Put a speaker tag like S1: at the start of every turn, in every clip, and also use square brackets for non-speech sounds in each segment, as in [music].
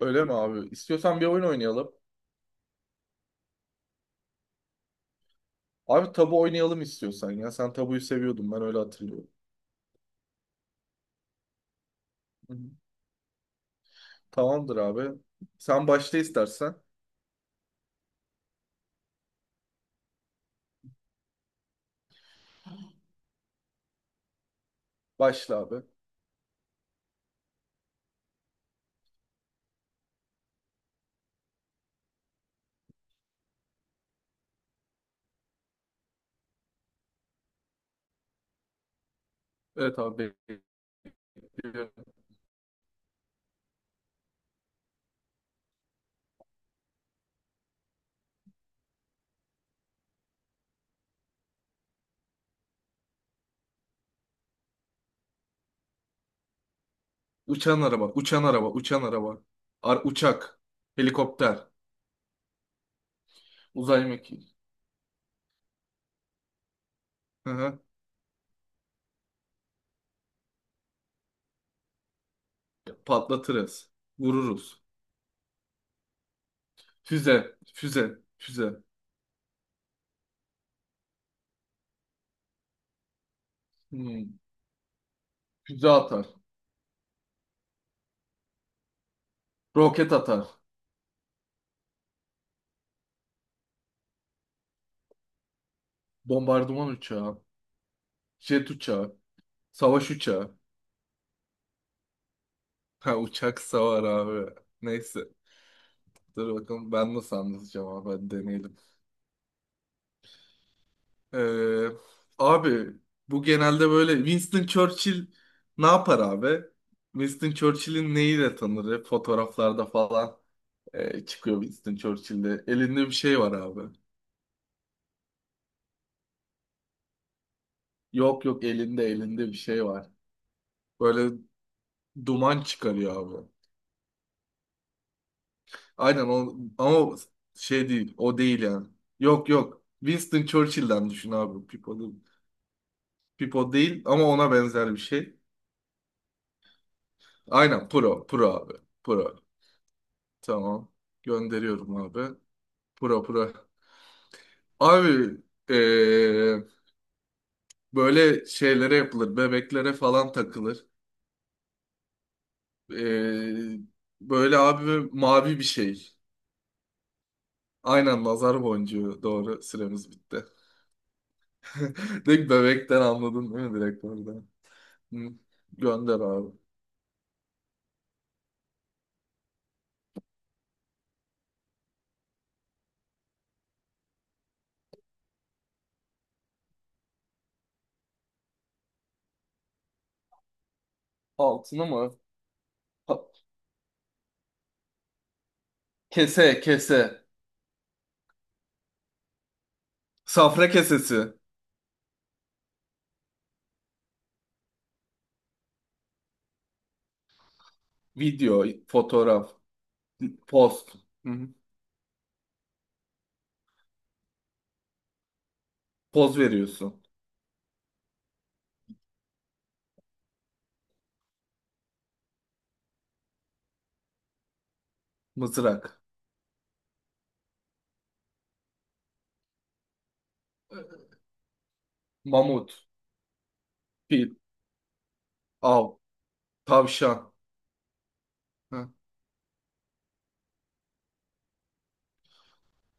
S1: Öyle mi abi? İstiyorsan bir oyun oynayalım. Abi, tabu oynayalım istiyorsan ya. Sen tabuyu seviyordun, ben öyle hatırlıyorum. Hı hı. Tamamdır abi. Sen başla istersen. Başla abi. Evet abi. Bekliyorum. Uçan araba, uçan araba, uçan araba. Uçak, helikopter, uzay mekiği. Hı hı. Patlatırız. Vururuz. Füze, füze, füze. Hmm. Füze atar. Roket atar. Bombardıman uçağı. Jet uçağı. Savaş uçağı. Ha, uçak savar abi. Neyse. Dur bakalım, ben nasıl anlatacağım abi, hadi deneyelim. Ee, Abi, bu genelde böyle Winston Churchill ne yapar abi? Winston Churchill'in neyiyle tanır? Hep fotoğraflarda falan çıkıyor Winston Churchill'de. Elinde bir şey var abi. Yok yok, elinde bir şey var. Böyle duman çıkarıyor abi. Aynen o, ama şey değil, o değil yani. Yok yok, Winston Churchill'den düşün abi. Pipalı. Pipo değil, ama ona benzer bir şey. Aynen Pro. Pro abi. Pro. Tamam. Gönderiyorum abi. Pro Pro. Abi, eee, böyle şeylere yapılır. Bebeklere falan takılır. Eee, Böyle abi, mavi bir şey. Aynen nazar boncuğu. Doğru. Süremiz bitti. [laughs] Direkt bebekten anladın değil mi direkt orada? Hı. Gönder abi. Altını mı? Ha- Kese kese. Safra kesesi. Video, fotoğraf. Poz. Hı hı. Poz veriyorsun. Mızrak. Mamut. Fil. Av. Tavşan. Ha,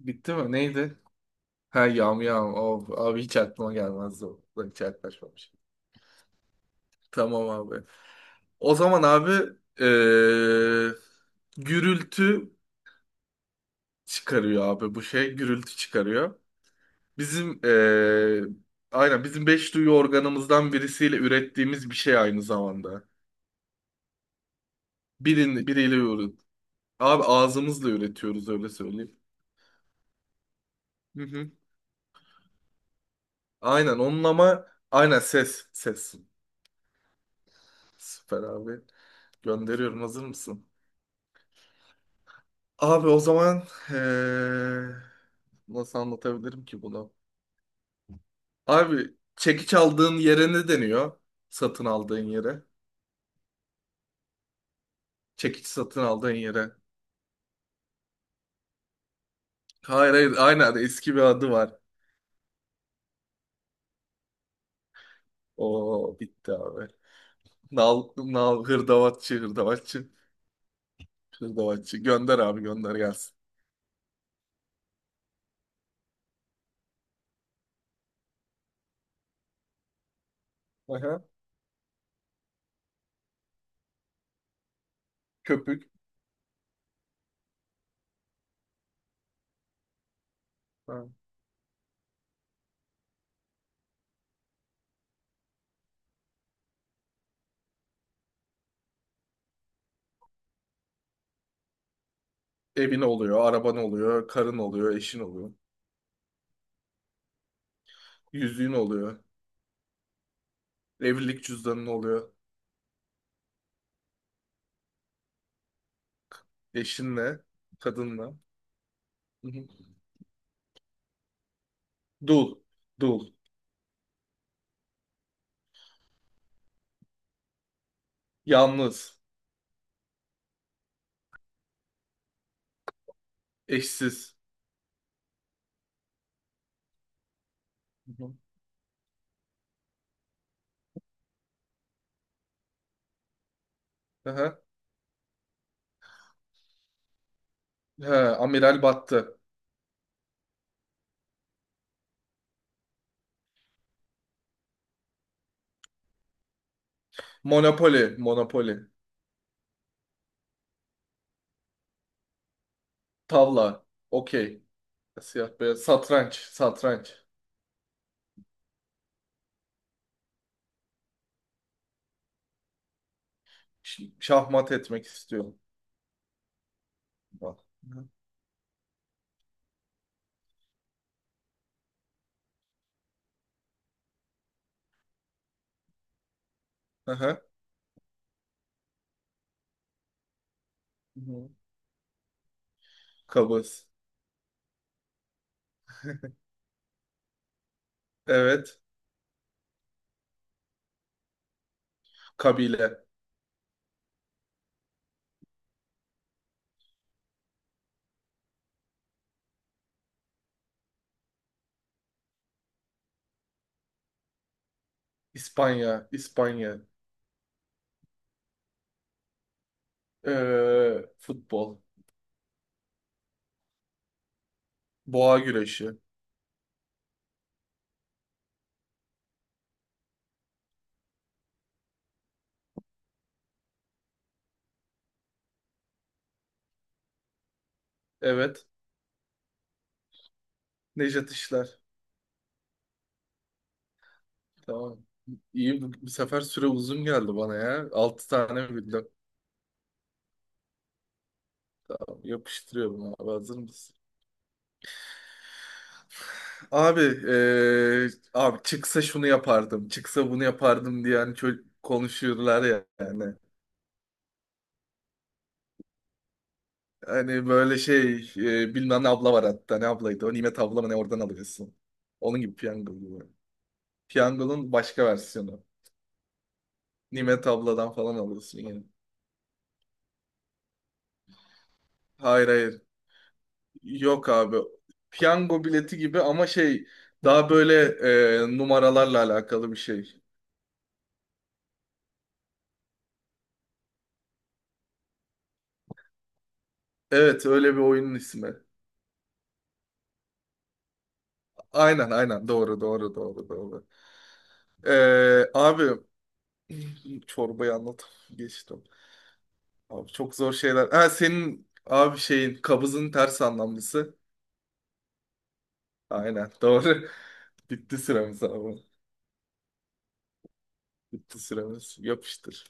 S1: bitti mi? Neydi? Ha, yamyam. Of, abi hiç aklıma gelmezdi o. Ulan, hiç yaklaşmamış. Tamam abi. O zaman abi, eee, gürültü çıkarıyor abi bu şey. Gürültü çıkarıyor. Bizim, aynen bizim beş duyu organımızdan birisiyle ürettiğimiz bir şey aynı zamanda. Birin, biriyle Abi, ağzımızla üretiyoruz, öyle söyleyeyim. Hı hı. Aynen onun, ama aynen ses, ses. Süper abi. Gönderiyorum, hazır mısın? Abi o zaman, eee, nasıl anlatabilirim ki bunu? Abi, çekiç aldığın yere ne deniyor? Satın aldığın yere. Çekiç satın aldığın yere. Hayır hayır, aynen eski bir adı var. O bitti abi. Nal, nal, hırdavatçı, hırdavatçı, hırdavatçı. Gönder abi, gönder gelsin. Aha, köpük. Ha. Evin oluyor, araban oluyor, karın oluyor, eşin oluyor. Yüzüğün oluyor. Evlilik cüzdanın oluyor. Eşinle, kadınla. Hı hı. Dul, dul. Yalnız, eşsiz. Hı hı. Aha. He, amiral battı. Monopoli, monopoli. Tavla, okey. Siyah beyaz. Satranç, satranç. Şahmat etmek istiyorum. Bak. Hı hı. Hı hı. Kabız. Evet. Kabile. İspanya, İspanya. Futbol. Boğa güreşi. Evet. Nejat İşler. Tamam. İyi, bu sefer süre uzun geldi bana ya. 6 tane bildim. Tamam, yapıştırıyorum abi. Hazır mısın? Abi, eee, abi, çıksa şunu yapardım. Çıksa bunu yapardım diye hani konuşuyorlar ya yani. Hani böyle şey, bilmem ne abla var hatta. Ne ablaydı? O Nimet abla mı ne, oradan alıyorsun. Onun gibi, piyango gibi. Piyangonun başka versiyonu. Nimet abladan falan alıyorsun yani. Hayır hayır. Yok abi. Piyango bileti gibi, ama şey, daha böyle, numaralarla alakalı bir şey. Evet, öyle bir oyunun ismi. Aynen aynen, doğru doğru doğru doğru. E, Abi, [clears throat] çorbayı anlat, geçtim. Abi, çok zor şeyler. Ha senin abi şeyin, kabızın ters anlamlısı. Aynen doğru. [laughs] Bitti süremiz abi. Bitti süremiz. Yapıştır.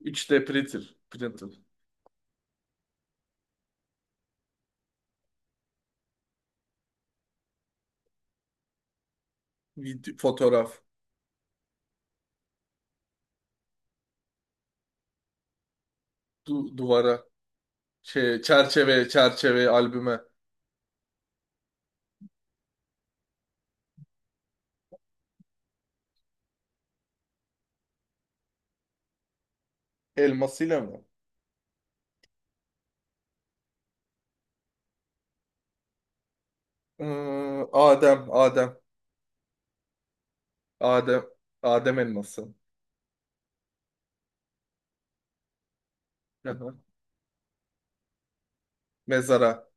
S1: 3D printer. Printer. Fotoğraf. Duvara. Şey, çerçeve, çerçeve albüme. Elmasıyla mı? Ee, Adem, Adem, Adem, Adem elması. Hı hı. Mezara.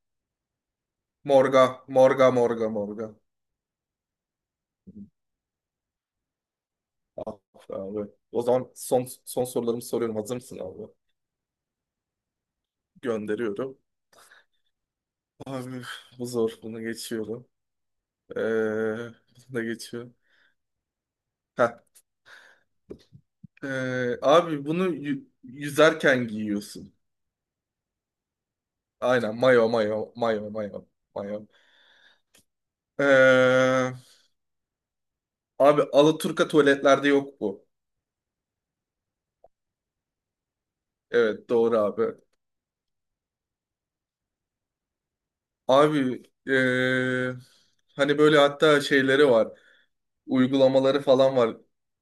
S1: Morga, morga, morga, morga. Ah, abi. O zaman son sorularımı soruyorum. Hazır mısın abi? Gönderiyorum. Abi, bu zor. Bunu geçiyorum. Ee, Bunu da geçiyorum. Heh. Abi, bunu yüzerken giyiyorsun. Aynen. Mayo, mayo, mayo, mayo, mayo. Ee, Abi, alaturka tuvaletlerde yok bu. Evet, doğru abi. Abi, hani böyle hatta şeyleri var. Uygulamaları falan var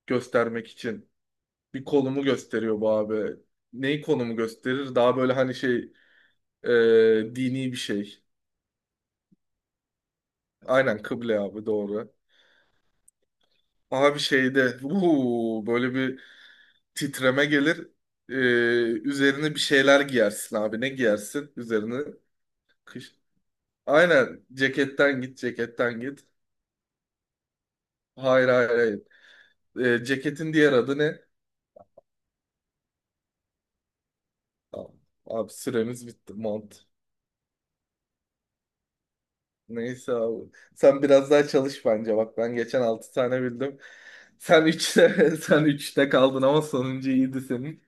S1: göstermek için. Bir konumu gösteriyor bu abi. Neyi konumu gösterir? Daha böyle, hani şey, dini bir şey. Aynen kıble abi, doğru. Abi, şeyde böyle bir titreme gelir. Eee, Üzerine bir şeyler giyersin abi. Ne giyersin üzerine? Kış. Aynen, ceketten git, ceketten git. Hayır hayır hayır. Ceketin diğer adı ne? Tamam. Abi, süremiz bitti. Mont. Neyse abi. Sen biraz daha çalış bence. Bak, ben geçen 6 tane bildim. Sen 3'te [laughs] sen 3'te kaldın, ama sonuncu iyiydi senin.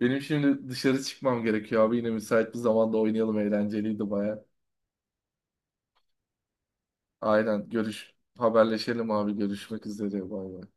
S1: Benim şimdi dışarı çıkmam gerekiyor abi. Yine müsait bir zamanda oynayalım. Eğlenceliydi baya. Aynen. Görüş, haberleşelim abi. Görüşmek üzere. Bay bay.